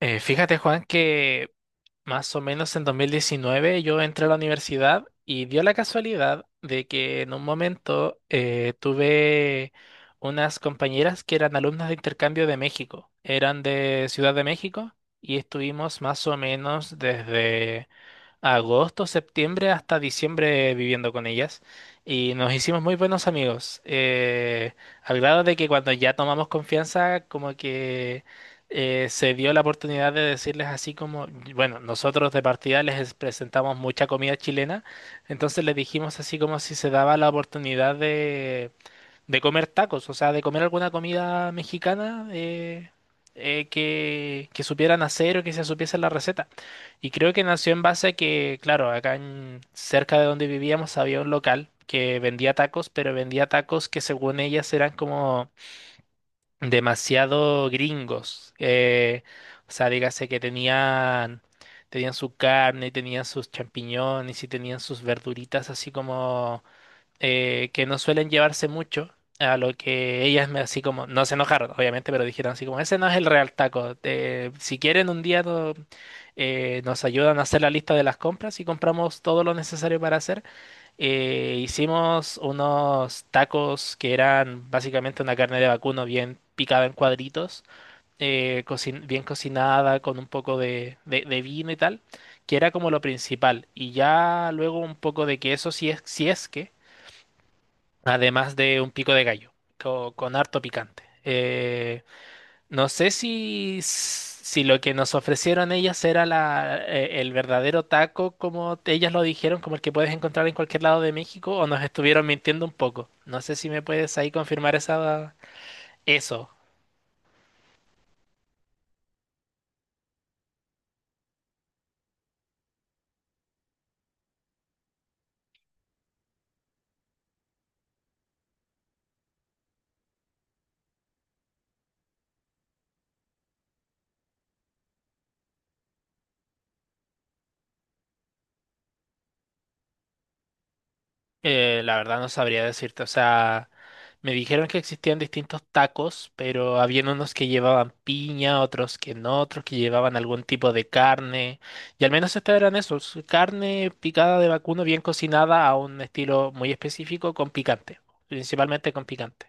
Fíjate, Juan, que más o menos en 2019 yo entré a la universidad y dio la casualidad de que en un momento tuve unas compañeras que eran alumnas de intercambio de México. Eran de Ciudad de México y estuvimos más o menos desde agosto, septiembre hasta diciembre viviendo con ellas y nos hicimos muy buenos amigos, al grado de que cuando ya tomamos confianza, como que se dio la oportunidad de decirles así como, bueno, nosotros de partida les presentamos mucha comida chilena, entonces les dijimos así como si se daba la oportunidad de comer tacos, o sea, de comer alguna comida mexicana que supieran hacer o que se supiese la receta. Y creo que nació en base a que, claro, acá en, cerca de donde vivíamos había un local que vendía tacos, pero vendía tacos que según ellas eran como demasiado gringos. O sea, dígase que tenían. Tenían su carne, tenían sus champiñones y tenían sus verduritas así como que no suelen llevarse mucho, a lo que ellas me así como, no se enojaron, obviamente, pero dijeron así como, ese no es el real taco. Si quieren un día nos ayudan a hacer la lista de las compras y compramos todo lo necesario para hacer. Hicimos unos tacos que eran básicamente una carne de vacuno bien picada en cuadritos, bien cocinada con un poco de vino y tal, que era como lo principal. Y ya luego un poco de queso, si es que además de un pico de gallo, con harto picante. No sé si lo que nos ofrecieron ellas era el verdadero taco, como ellas lo dijeron, como el que puedes encontrar en cualquier lado de México, o nos estuvieron mintiendo un poco. No sé si me puedes ahí confirmar eso. La verdad no sabría decirte, o sea, me dijeron que existían distintos tacos, pero habían unos que llevaban piña, otros que no, otros que llevaban algún tipo de carne, y al menos estos eran esos, carne picada de vacuno bien cocinada a un estilo muy específico con picante, principalmente con picante.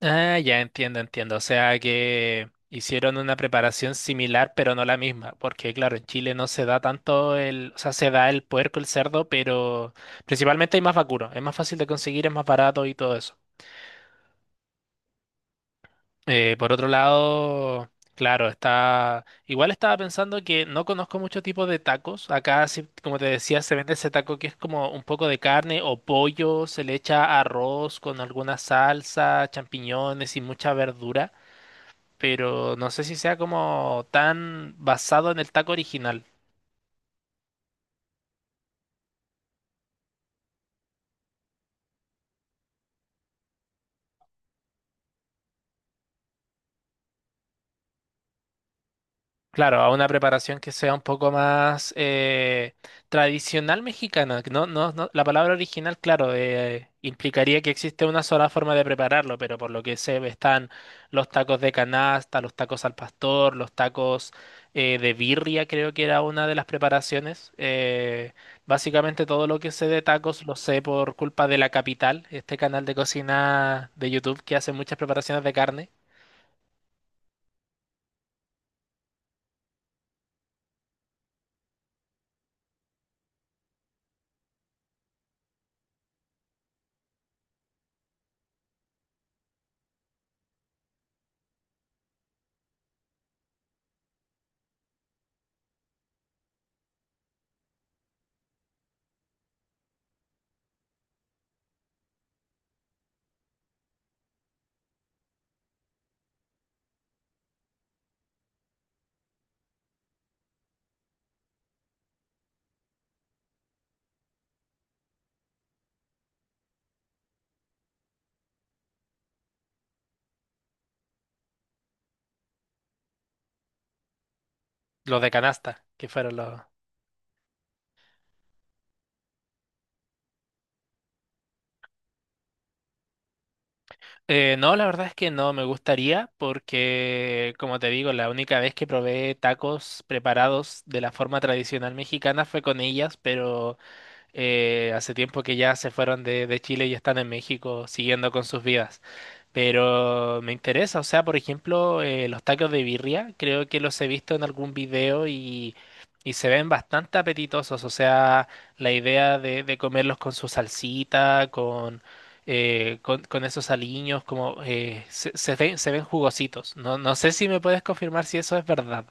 Ah, ya entiendo, entiendo. O sea que hicieron una preparación similar, pero no la misma, porque claro, en Chile no se da tanto el, o sea, se da el puerco, el cerdo, pero principalmente hay más vacuno, es más fácil de conseguir, es más barato y todo eso. Por otro lado, claro, está, igual estaba pensando que no conozco muchos tipos de tacos. Acá, sí, como te decía, se vende ese taco que es como un poco de carne o pollo, se le echa arroz con alguna salsa, champiñones y mucha verdura. Pero no sé si sea como tan basado en el taco original. Claro, a una preparación que sea un poco más tradicional mexicana. Que no, la palabra original, claro, implicaría que existe una sola forma de prepararlo, pero por lo que sé están los tacos de canasta, los tacos al pastor, los tacos de birria, creo que era una de las preparaciones. Básicamente todo lo que sé de tacos lo sé por culpa de La Capital, este canal de cocina de YouTube que hace muchas preparaciones de carne, los de canasta, que fueron los. No, la verdad es que no me gustaría porque, como te digo, la única vez que probé tacos preparados de la forma tradicional mexicana fue con ellas, pero hace tiempo que ya se fueron de Chile y están en México siguiendo con sus vidas. Pero me interesa, o sea, por ejemplo, los tacos de birria, creo que los he visto en algún video y se ven bastante apetitosos, o sea, la idea de comerlos con su salsita, con esos aliños, se ven jugositos. No, no sé si me puedes confirmar si eso es verdad.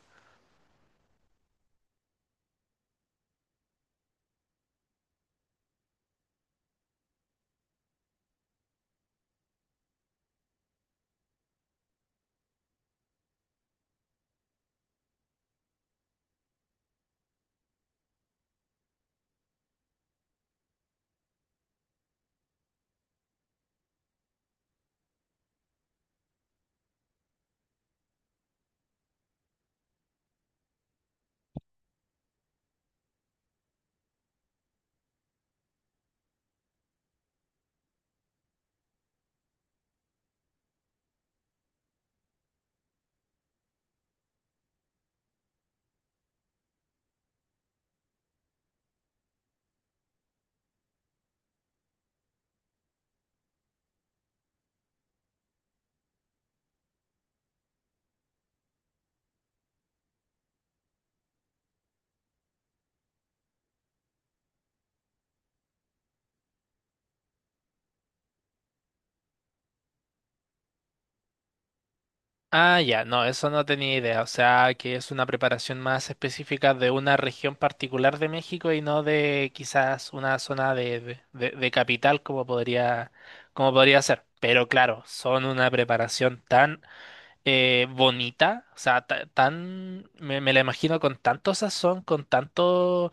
Ah, ya, no, eso no tenía idea. O sea, que es una preparación más específica de una región particular de México y no de quizás una zona de capital como podría ser. Pero claro, son una preparación tan bonita, o sea, me la imagino con tanto sazón, con tanto,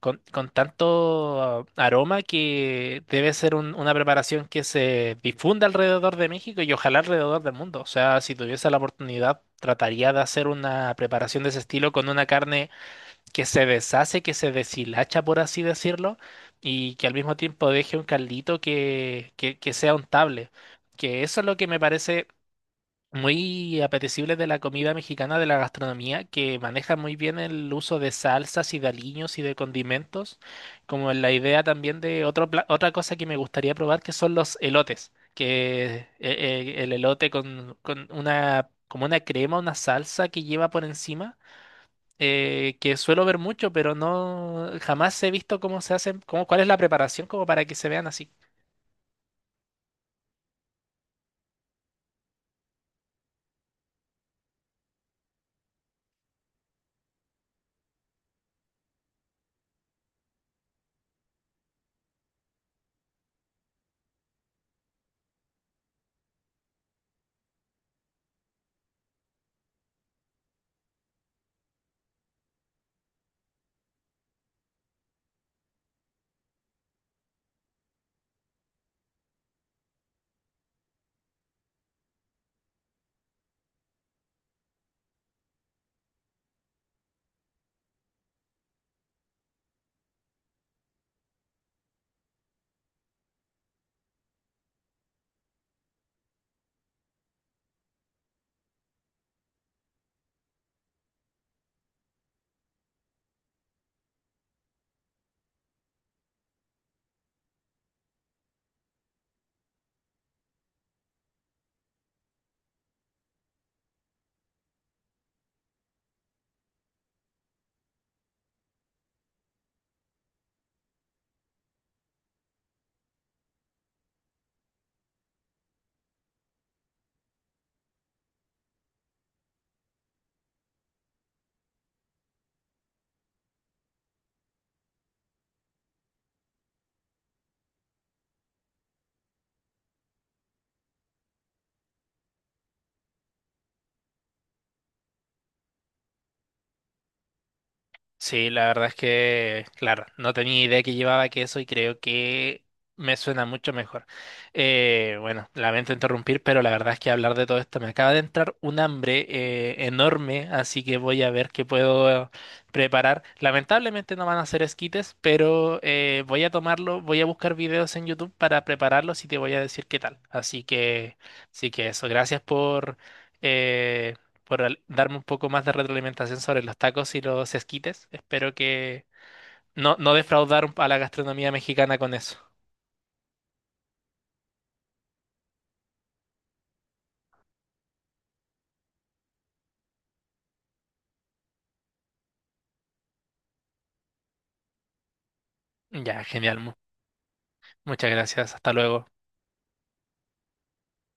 con tanto aroma que debe ser una preparación que se difunda alrededor de México y ojalá alrededor del mundo. O sea, si tuviese la oportunidad, trataría de hacer una preparación de ese estilo con una carne que se deshace, que se deshilacha, por así decirlo, y que al mismo tiempo deje un caldito que sea untable. Que eso es lo que me parece muy apetecibles de la comida mexicana, de la gastronomía, que manejan muy bien el uso de salsas y de aliños y de condimentos, como la idea también de otra cosa que me gustaría probar, que son los elotes, que el elote con una, como una crema, una salsa que lleva por encima. Que suelo ver mucho, pero no jamás he visto cómo se hacen, cómo, cuál es la preparación como para que se vean así. Sí, la verdad es que, claro, no tenía idea que llevaba queso y creo que me suena mucho mejor. Bueno, lamento interrumpir, pero la verdad es que hablar de todo esto me acaba de entrar un hambre enorme, así que voy a ver qué puedo preparar. Lamentablemente no van a ser esquites, pero voy a tomarlo, voy a buscar videos en YouTube para prepararlos y te voy a decir qué tal. Así que, sí que eso, gracias por. eh, Darme un poco más de retroalimentación sobre los tacos y los esquites. Espero que no, no defraudar a la gastronomía mexicana con eso. Ya, genial. Muchas gracias. Hasta luego.